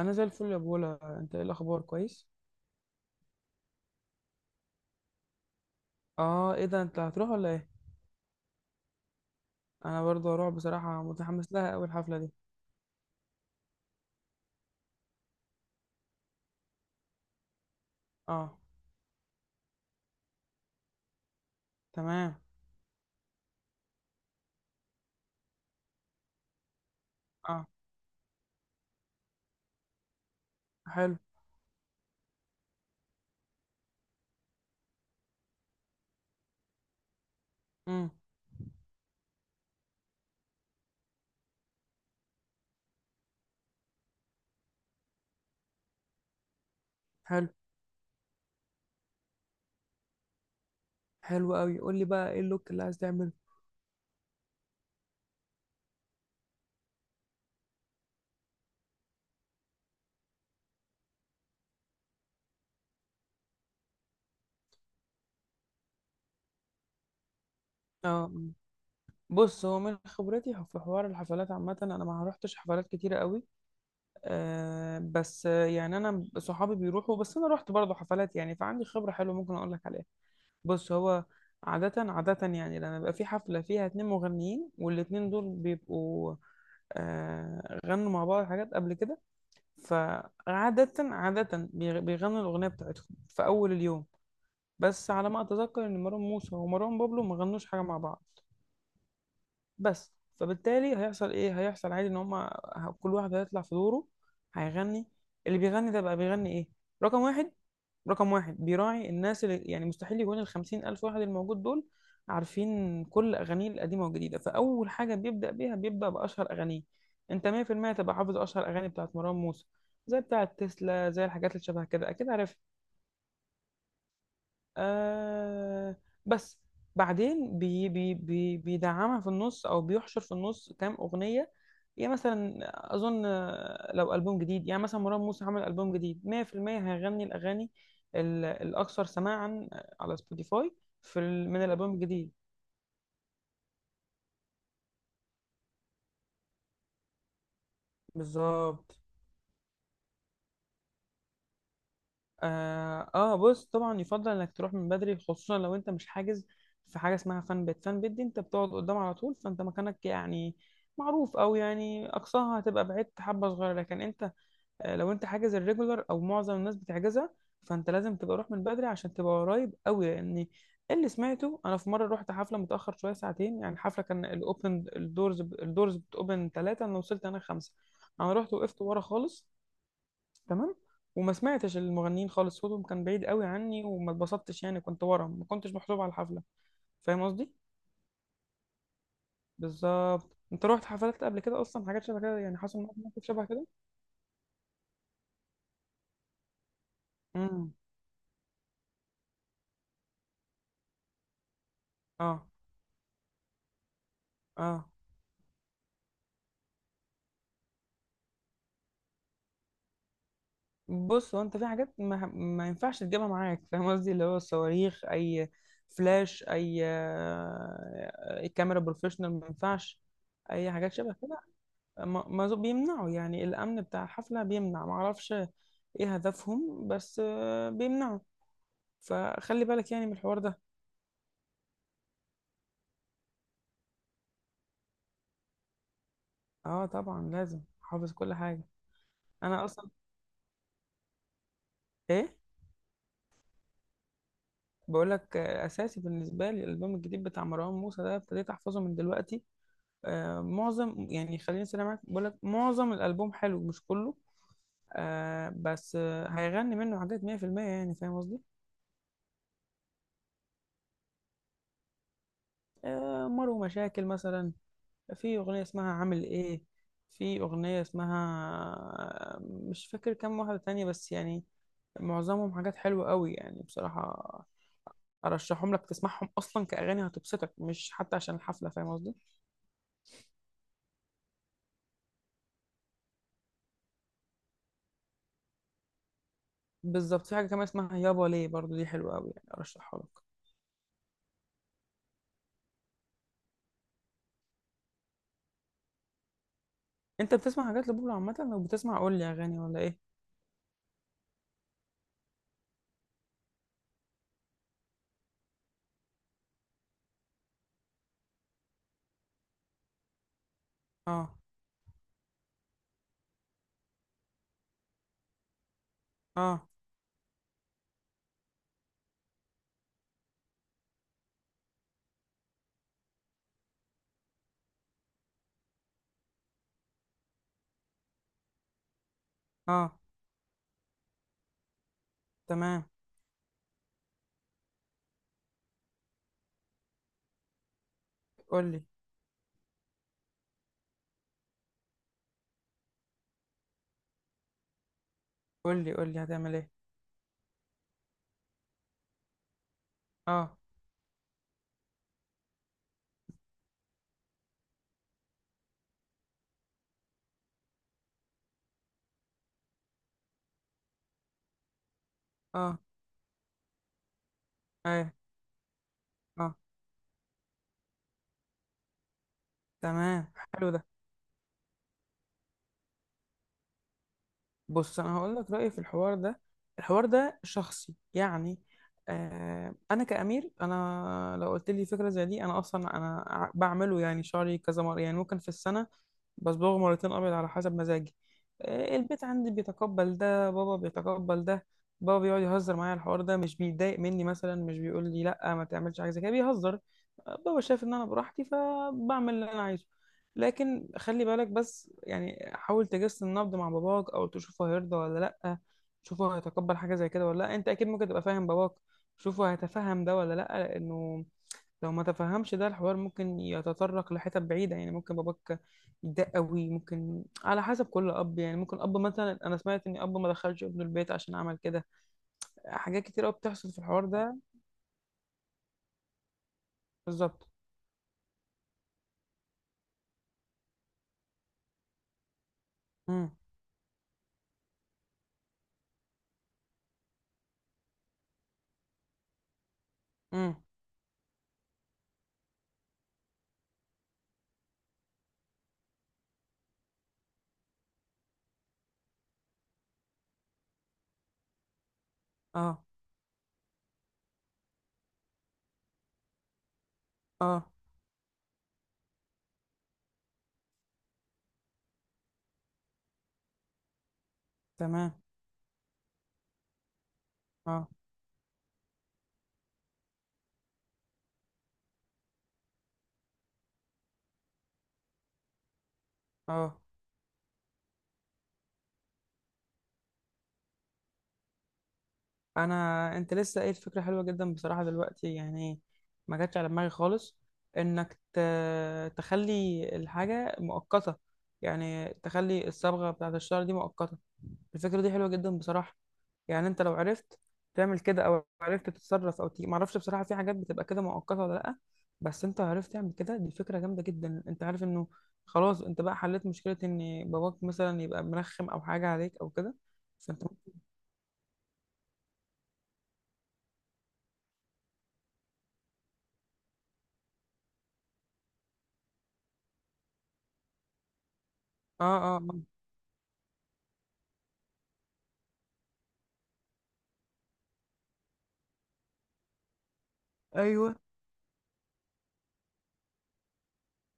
انا زي الفل يا بولا، انت ايه الاخبار؟ كويس؟ اه، ايه ده، انت هتروح ولا ايه؟ انا برضه هروح، بصراحه متحمس لها قوي الحفله دي. اه. تمام. اه. حلو. امم. حلو. حلو قوي، قول لي بقى ايه اللوك اللي عايز تعمله؟ اه. مم. بص، هو من خبرتي في حوار الحفلات عامه، انا ما روحتش حفلات كتيره قوي. آه بس آه، يعني انا صحابي بيروحوا، بس انا رحت برضه حفلات يعني، فعندي خبره حلوه ممكن اقول لك عليها. بص هو عادة عادة يعني لما بيبقى في حفلة فيها اتنين مغنيين، والاتنين دول بيبقوا غنوا مع بعض حاجات قبل كده. فعادة عادة بيغنوا الأغنية بتاعتهم في أول اليوم. بس على ما أتذكر إن مروان موسى ومروان بابلو ما غنوش حاجة مع بعض. بس فبالتالي هيحصل ايه؟ هيحصل عادي ان هما كل واحد هيطلع في دوره، هيغني. اللي بيغني ده بقى بيغني ايه؟ رقم واحد رقم واحد بيراعي الناس اللي، يعني مستحيل يكون الخمسين ألف واحد الموجود دول عارفين كل أغانيه القديمة والجديدة، فأول حاجة بيبدأ بأشهر أغانيه. أنت 100% تبقى حافظ أشهر أغاني بتاعت مروان موسى، زي بتاعت تسلا، زي الحاجات اللي شبه كده، أكيد عارف. آه بس بعدين بي بي بي بيدعمها في النص، او بيحشر في النص كام اغنيه، يعني مثلا اظن، لو البوم جديد، يعني مثلا مروان موسى عمل البوم جديد، 100% هيغني الاغاني الاكثر سماعا على سبوتيفاي، من الالبوم الجديد. بالظبط. بص طبعا يفضل انك تروح من بدري خصوصا لو انت مش حاجز. في حاجه اسمها فان بيت، فان بيت دي انت بتقعد قدام على طول، فانت مكانك يعني معروف، او يعني اقصاها هتبقى بعدت حبه صغيره، لكن انت لو انت حاجز الريجولر، او معظم الناس بتحجزها، فانت لازم تبقى روح من بدري عشان تبقى قريب قوي. لان اللي سمعته انا في مره، رحت حفله متاخر شويه ساعتين، يعني الحفله كان الاوبن الدورز بتوبن ثلاثه، انا وصلت انا خمسه. انا رحت وقفت ورا خالص. تمام. وما سمعتش المغنيين خالص، صوتهم كان بعيد قوي عني، وما اتبسطتش يعني، كنت ورا، ما كنتش محسوب على الحفله. فاهم قصدي؟ بالظبط. انت رحت حفلات قبل كده اصلا، حاجات شبه كده؟ يعني حصل معاك موقف شبه كده؟ امم. اه. اه. بص، هو انت في حاجات ما ينفعش تجيبها معاك فاهم قصدي، اللي هو الصواريخ، اي فلاش، اي، أي كاميرا بروفيشنال، ما ينفعش اي حاجات شبه كده. بيمنعوا يعني، الامن بتاع الحفله بيمنع، ما اعرفش ايه هدفهم، بس، بيمنعوا. فخلي بالك يعني من الحوار ده. اه طبعا، لازم حافظ كل حاجه. انا اصلا ايه، بقول لك اساسي بالنسبه لي، الالبوم الجديد بتاع مروان موسى ده ابتديت احفظه من دلوقتي. معظم يعني، خليني سريع معاك، بقول لك معظم الالبوم حلو مش كله. بس هيغني منه حاجات 100%، يعني فاهم قصدي. مر مشاكل مثلا، في اغنيه اسمها عامل ايه، في اغنيه اسمها، مش فاكر كام واحده تانية بس يعني. معظمهم حاجات حلوة قوي يعني بصراحة، أرشحهم لك تسمعهم أصلا كأغاني هتبسطك، مش حتى عشان الحفلة، فاهم قصدي؟ بالظبط. في حاجة كمان اسمها يابا ليه، برضو دي حلوة قوي يعني، أرشحها لك. أنت بتسمع حاجات لبوبلو عامة؟ لو بتسمع قول لي أغاني، ولا إيه؟ أه. أه. أه. تمام. قول لي، قول لي، قول لي هتعمل إيه؟ أه. أه. إيه. أه. تمام، حلو ده. بص انا هقول لك رايي في الحوار ده. الحوار ده شخصي يعني. انا كامير، انا لو قلت لي فكره زي دي، انا اصلا انا بعمله يعني، شعري كذا مره يعني، ممكن في السنه بصبغه مرتين ابيض على حسب مزاجي. البيت عندي بيتقبل ده، بابا بيتقبل ده. بابا بيقعد يهزر معايا على الحوار ده، مش بيتضايق مني، مثلا مش بيقول لي لا ما تعملش حاجه زي كده، بيهزر. ، بابا شايف ان انا براحتي، فبعمل اللي انا عايزه. لكن خلي بالك بس يعني، حاول تجس النبض مع باباك، او تشوفه هيرضى ولا لا، تشوفه هيتقبل حاجه زي كده ولا لا. انت اكيد ممكن تبقى فاهم باباك، شوفه هيتفهم ده ولا لا، لانه لو ما تفهمش ده الحوار، ممكن يتطرق لحتت بعيده. يعني ممكن باباك يتضايق قوي، ممكن على حسب كل اب، يعني ممكن اب مثلا، انا سمعت ان اب ما دخلش ابنه البيت عشان عمل كده. حاجات كتير قوي بتحصل في الحوار ده. بالظبط. امم. امم. اه. اه. تمام. اه. اه. انت لسه قايل فكره حلوه جدا بصراحه دلوقتي يعني، ما جاتش على دماغي خالص، انك ت... تخلي الحاجه مؤقته، يعني تخلي الصبغه بتاعت الشعر دي مؤقته. الفكره دي حلوه جدا بصراحه. يعني انت لو عرفت تعمل كده، او عرفت تتصرف او تيجي، ما اعرفش بصراحه في حاجات بتبقى كده مؤقته ولا لا، بس انت عرفت تعمل كده دي فكره جامده جدا. انت عارف انه خلاص انت بقى حليت مشكله ان باباك مثلا يبقى مرخم او حاجه عليك او كده. فانت اه. اه. آه. ايوه،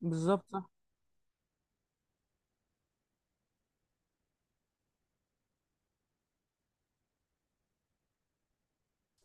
بالظبط، صح.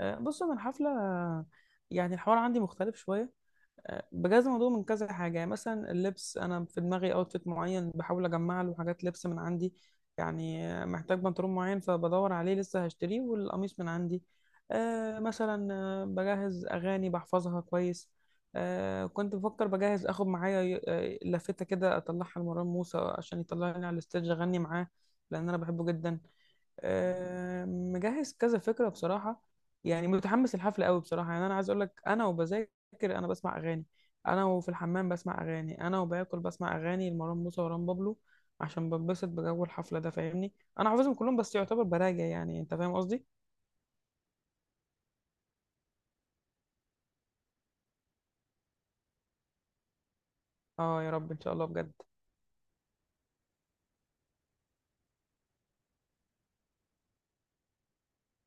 ، بص انا الحفله، يعني الحوار عندي مختلف شويه. ، بجاز الموضوع من كذا حاجه، يعني مثلا اللبس، انا في دماغي اوتفيت معين، بحاول اجمع له حاجات لبس من عندي، يعني، محتاج بنطلون معين فبدور عليه لسه هشتريه، والقميص من عندي. ، مثلا، بجهز اغاني بحفظها كويس. ، كنت بفكر بجهز اخد معايا، لافته كده اطلعها لمروان موسى عشان يطلعني على الستيج اغني معاه، لان انا بحبه جدا. ، مجهز كذا فكرة بصراحة، يعني متحمس الحفلة قوي بصراحة. يعني أنا عايز أقول لك، أنا وبذاكر أنا بسمع أغاني، أنا وفي الحمام بسمع أغاني، أنا وباكل بسمع أغاني لمروان موسى ومروان بابلو، عشان بنبسط بجو الحفلة ده، فاهمني؟ أنا حافظهم كلهم، بس يعتبر براجع يعني، أنت فاهم قصدي؟ آه يا رب، إن شاء الله بجد.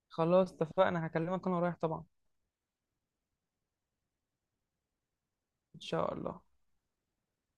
خلاص اتفقنا، هكلمك وأنا رايح طبعا. إن شاء الله.